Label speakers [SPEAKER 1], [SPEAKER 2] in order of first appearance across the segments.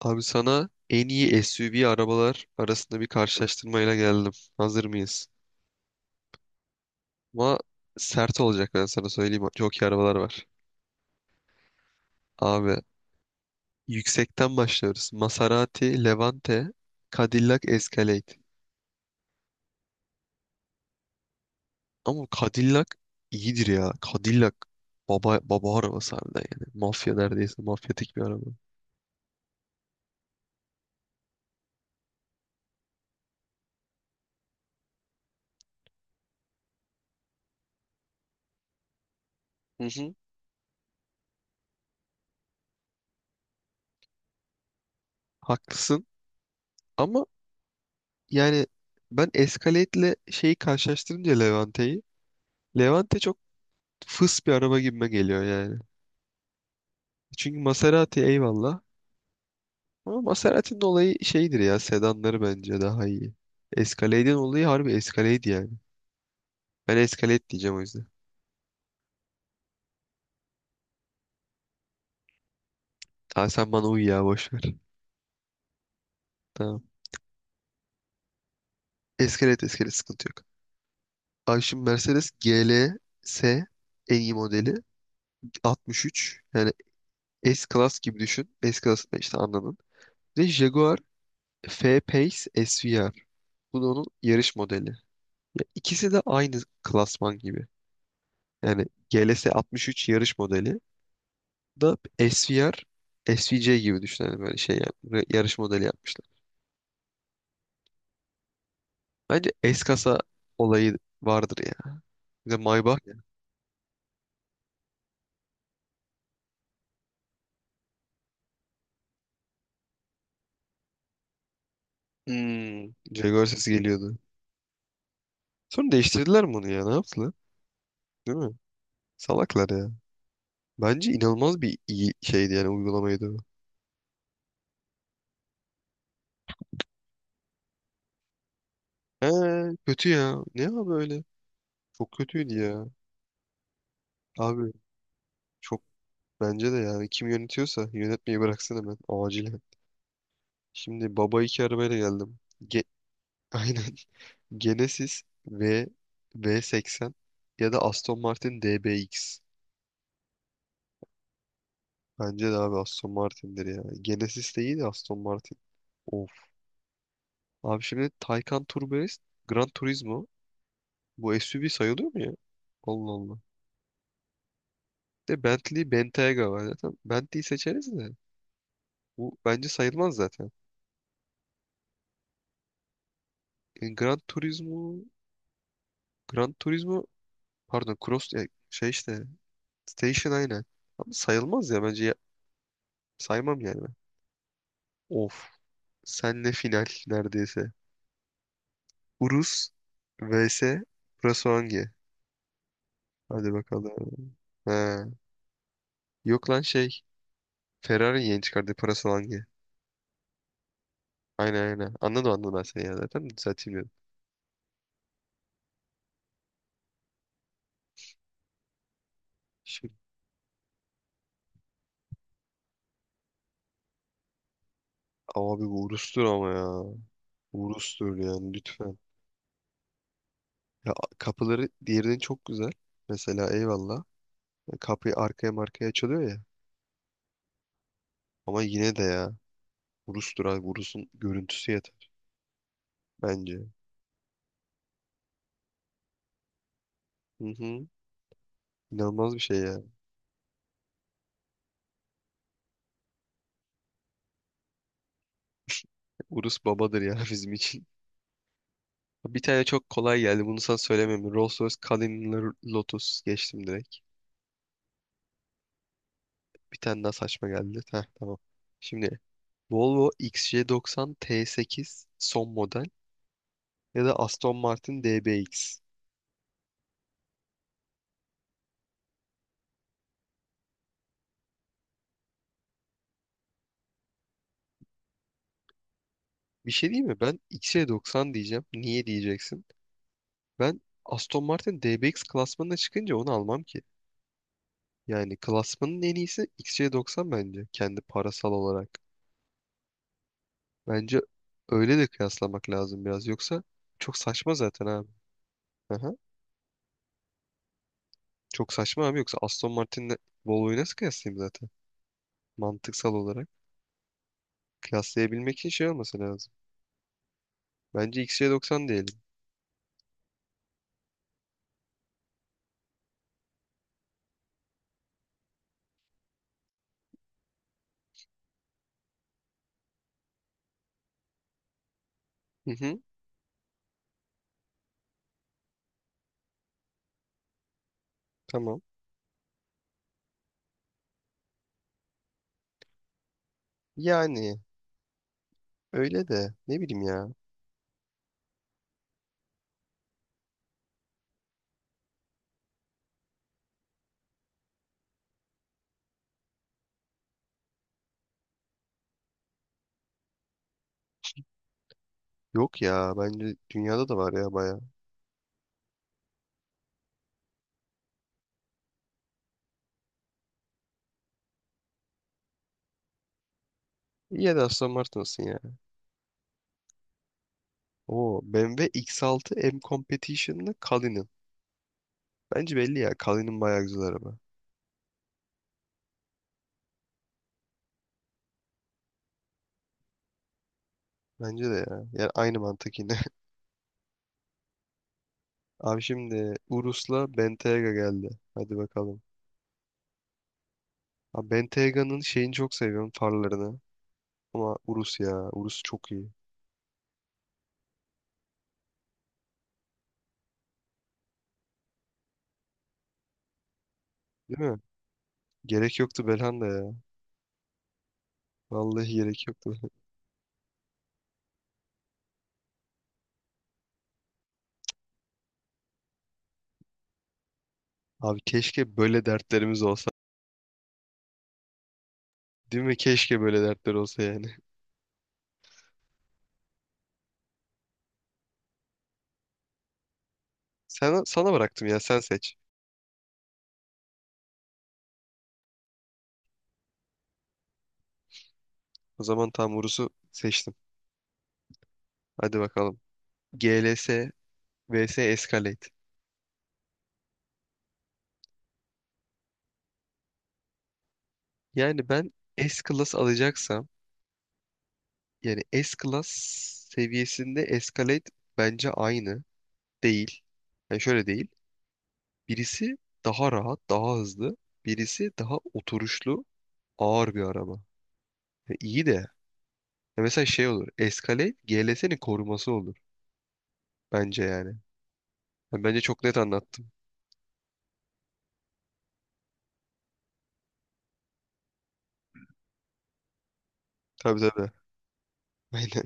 [SPEAKER 1] Abi sana en iyi SUV arabalar arasında bir karşılaştırmayla geldim. Hazır mıyız? Ama sert olacak ben sana söyleyeyim. Çok iyi arabalar var. Abi yüksekten başlıyoruz. Maserati, Levante, Cadillac Escalade. Ama Cadillac iyidir ya. Cadillac baba arabası harbiden yani. Mafya neredeyse mafyatik bir araba. Hı hı. Haklısın ama yani ben Escalade'le şeyi karşılaştırınca Levante çok fıs bir araba gibime geliyor yani. Çünkü Maserati eyvallah. Ama Maserati'nin olayı şeydir ya sedanları bence daha iyi. Escalade'in olayı harbi Escalade yani. Ben Escalade diyeceğim o yüzden. Tamam sen bana uy ya boş ver. Tamam. Escalade Escalade sıkıntı yok. Ay şimdi Mercedes GLS en iyi modeli 63. Yani S-Class gibi düşün. S-Class da işte anladın. Ve Jaguar F-Pace SVR. Bu da onun yarış modeli. Ya ikisi de aynı klasman gibi. Yani GLS 63 yarış modeli. Da SVR, SVC gibi düşünelim böyle şey yarış modeli yapmışlar. Bence S-kasa olayı vardır ya. Bir de Maybach ya. Hmm. Jaguar sesi geliyordu. Sonra değiştirdiler mi onu ya? Ne yaptılar? Değil mi? Salaklar ya. Bence inanılmaz bir iyi şeydi yani uygulamaydı o. He, kötü ya. Ne ya böyle? Çok kötüydü ya. Abi çok bence de yani kim yönetiyorsa yönetmeyi bıraksın hemen acilen. Şimdi baba iki arabayla geldim. Ge Aynen. Genesis V80 ya da Aston Martin DBX. Bence de abi Aston Martin'dir ya. Genesis de iyi de Aston Martin. Of. Abi şimdi Taycan Turbo S, Gran Turismo. Bu SUV sayılıyor mu ya? Allah Allah. De Bentley Bentayga var zaten. Bentley'i seçeriz de. Bu bence sayılmaz zaten. E, Gran Turismo Gran Turismo pardon Cross ya şey işte Station aynen. Ama sayılmaz ya bence saymam yani ben. Of. Senle final neredeyse. Urus vs Prasolangi. Hadi bakalım. Ha. Yok lan şey. Ferrari yeni çıkardı Prasolangi. Aynen aynen. Anladım anladım ben seni ya zaten. Düzelteyim dedim. Şimdi, abi bu Urus'tur ama ya. Urus'tur yani lütfen. Ya, kapıları diğerinin çok güzel. Mesela eyvallah. Kapıyı arkaya markaya açılıyor ya. Ama yine de ya. Urus'tur abi. Urus'un görüntüsü yeter. Bence. Hı hı. İnanılmaz bir şey ya. Urus babadır ya bizim için. Bir tane çok kolay geldi. Bunu sana söylemem. Rolls Royce Cullinan Lotus geçtim direkt. Bir tane daha saçma geldi. Heh, tamam. Şimdi Volvo XC90 T8 son model ya da Aston Martin DBX. Bir şey değil mi? Ben XC90 diyeceğim. Niye diyeceksin? Ben Aston Martin DBX klasmanına çıkınca onu almam ki. Yani klasmanın en iyisi XC90 bence. Kendi parasal olarak. Bence öyle de kıyaslamak lazım biraz. Yoksa çok saçma zaten abi. Aha. Çok saçma abi yoksa Aston Martin'le Volvo'yu nasıl kıyaslayayım zaten? Mantıksal olarak. Kıyaslayabilmek için şey olması lazım. Bence XC90 diyelim. Hı hı, tamam. Yani öyle de ne bileyim ya. Yok ya bence dünyada da var ya bayağı. İyi ya da Aston Martin olsun ya. Oo BMW X6 M Competition'la Cullinan. Bence belli ya Cullinan bayağı güzel araba. Bence de ya. Yani aynı mantık yine. Abi şimdi Urus'la Bentayga geldi. Hadi bakalım. Abi Benteyga'nın şeyini çok seviyorum farlarını. Ama Urus ya. Urus çok iyi. Değil mi? Gerek yoktu Belhanda ya. Vallahi gerek yoktu. Abi keşke böyle dertlerimiz olsa. Değil mi? Keşke böyle dertler olsa yani. Sana bıraktım ya. Sen seç. O zaman tam Urus'u seçtim. Hadi bakalım. GLS vs Escalade. Yani ben S-Class alacaksam yani S-Class seviyesinde Escalade bence aynı değil. Yani şöyle değil. Birisi daha rahat, daha hızlı. Birisi daha oturuşlu ağır bir araba. Ya iyi de ya mesela şey olur. Escalade GLS'nin koruması olur bence yani. Ya bence çok net anlattım. Tabii tabii. Aynen.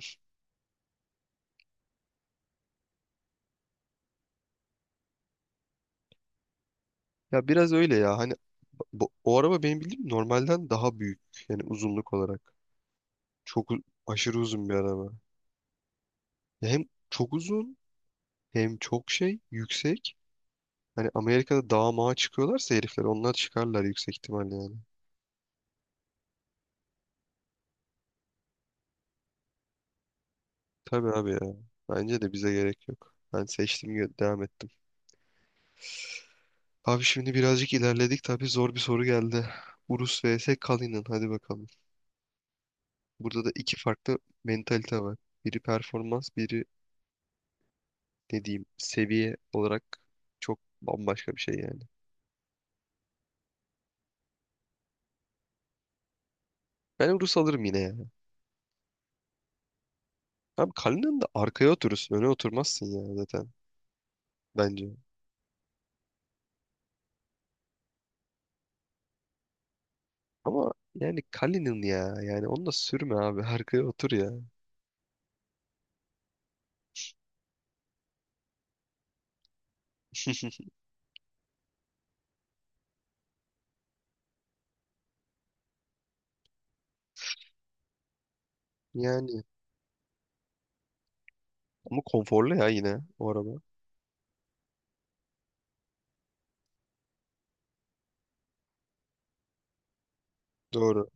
[SPEAKER 1] Ya biraz öyle ya. Hani o araba benim bildiğim normalden daha büyük yani uzunluk olarak. Çok aşırı uzun bir araba. Ya hem çok uzun hem çok şey yüksek. Hani Amerika'da dağa mağa çıkıyorlarsa herifler onlar çıkarlar yüksek ihtimalle yani. Tabii abi ya. Bence de bize gerek yok. Ben seçtim devam ettim. Abi şimdi birazcık ilerledik. Tabii zor bir soru geldi. Urus vs Kalinin. Hadi bakalım. Burada da iki farklı mentalite var. Biri performans, biri ne diyeyim seviye olarak çok bambaşka bir şey yani. Ben Urus alırım yine ya. Abi Kalinin de arkaya oturursun. Öne oturmazsın ya zaten bence. Ama yani Kalinin ya. Yani onu da sürme abi. Arkaya otur ya. Yani ama konforlu ya yine o araba. Doğru.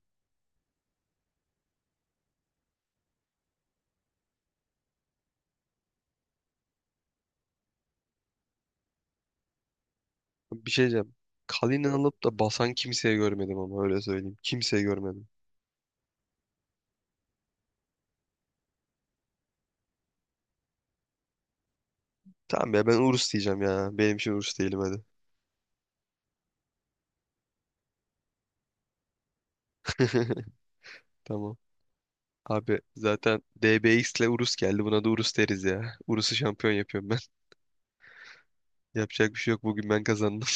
[SPEAKER 1] Bir şey diyeceğim. Kalinen alıp da basan kimseye görmedim ama öyle söyleyeyim. Kimseye görmedim. Tamam ya ben Urus diyeceğim ya. Benim için Urus değilim hadi. Tamam. Abi zaten DBX ile Urus geldi. Buna da Urus deriz ya. Urus'u şampiyon yapıyorum ben. Yapacak bir şey yok. Bugün ben kazandım.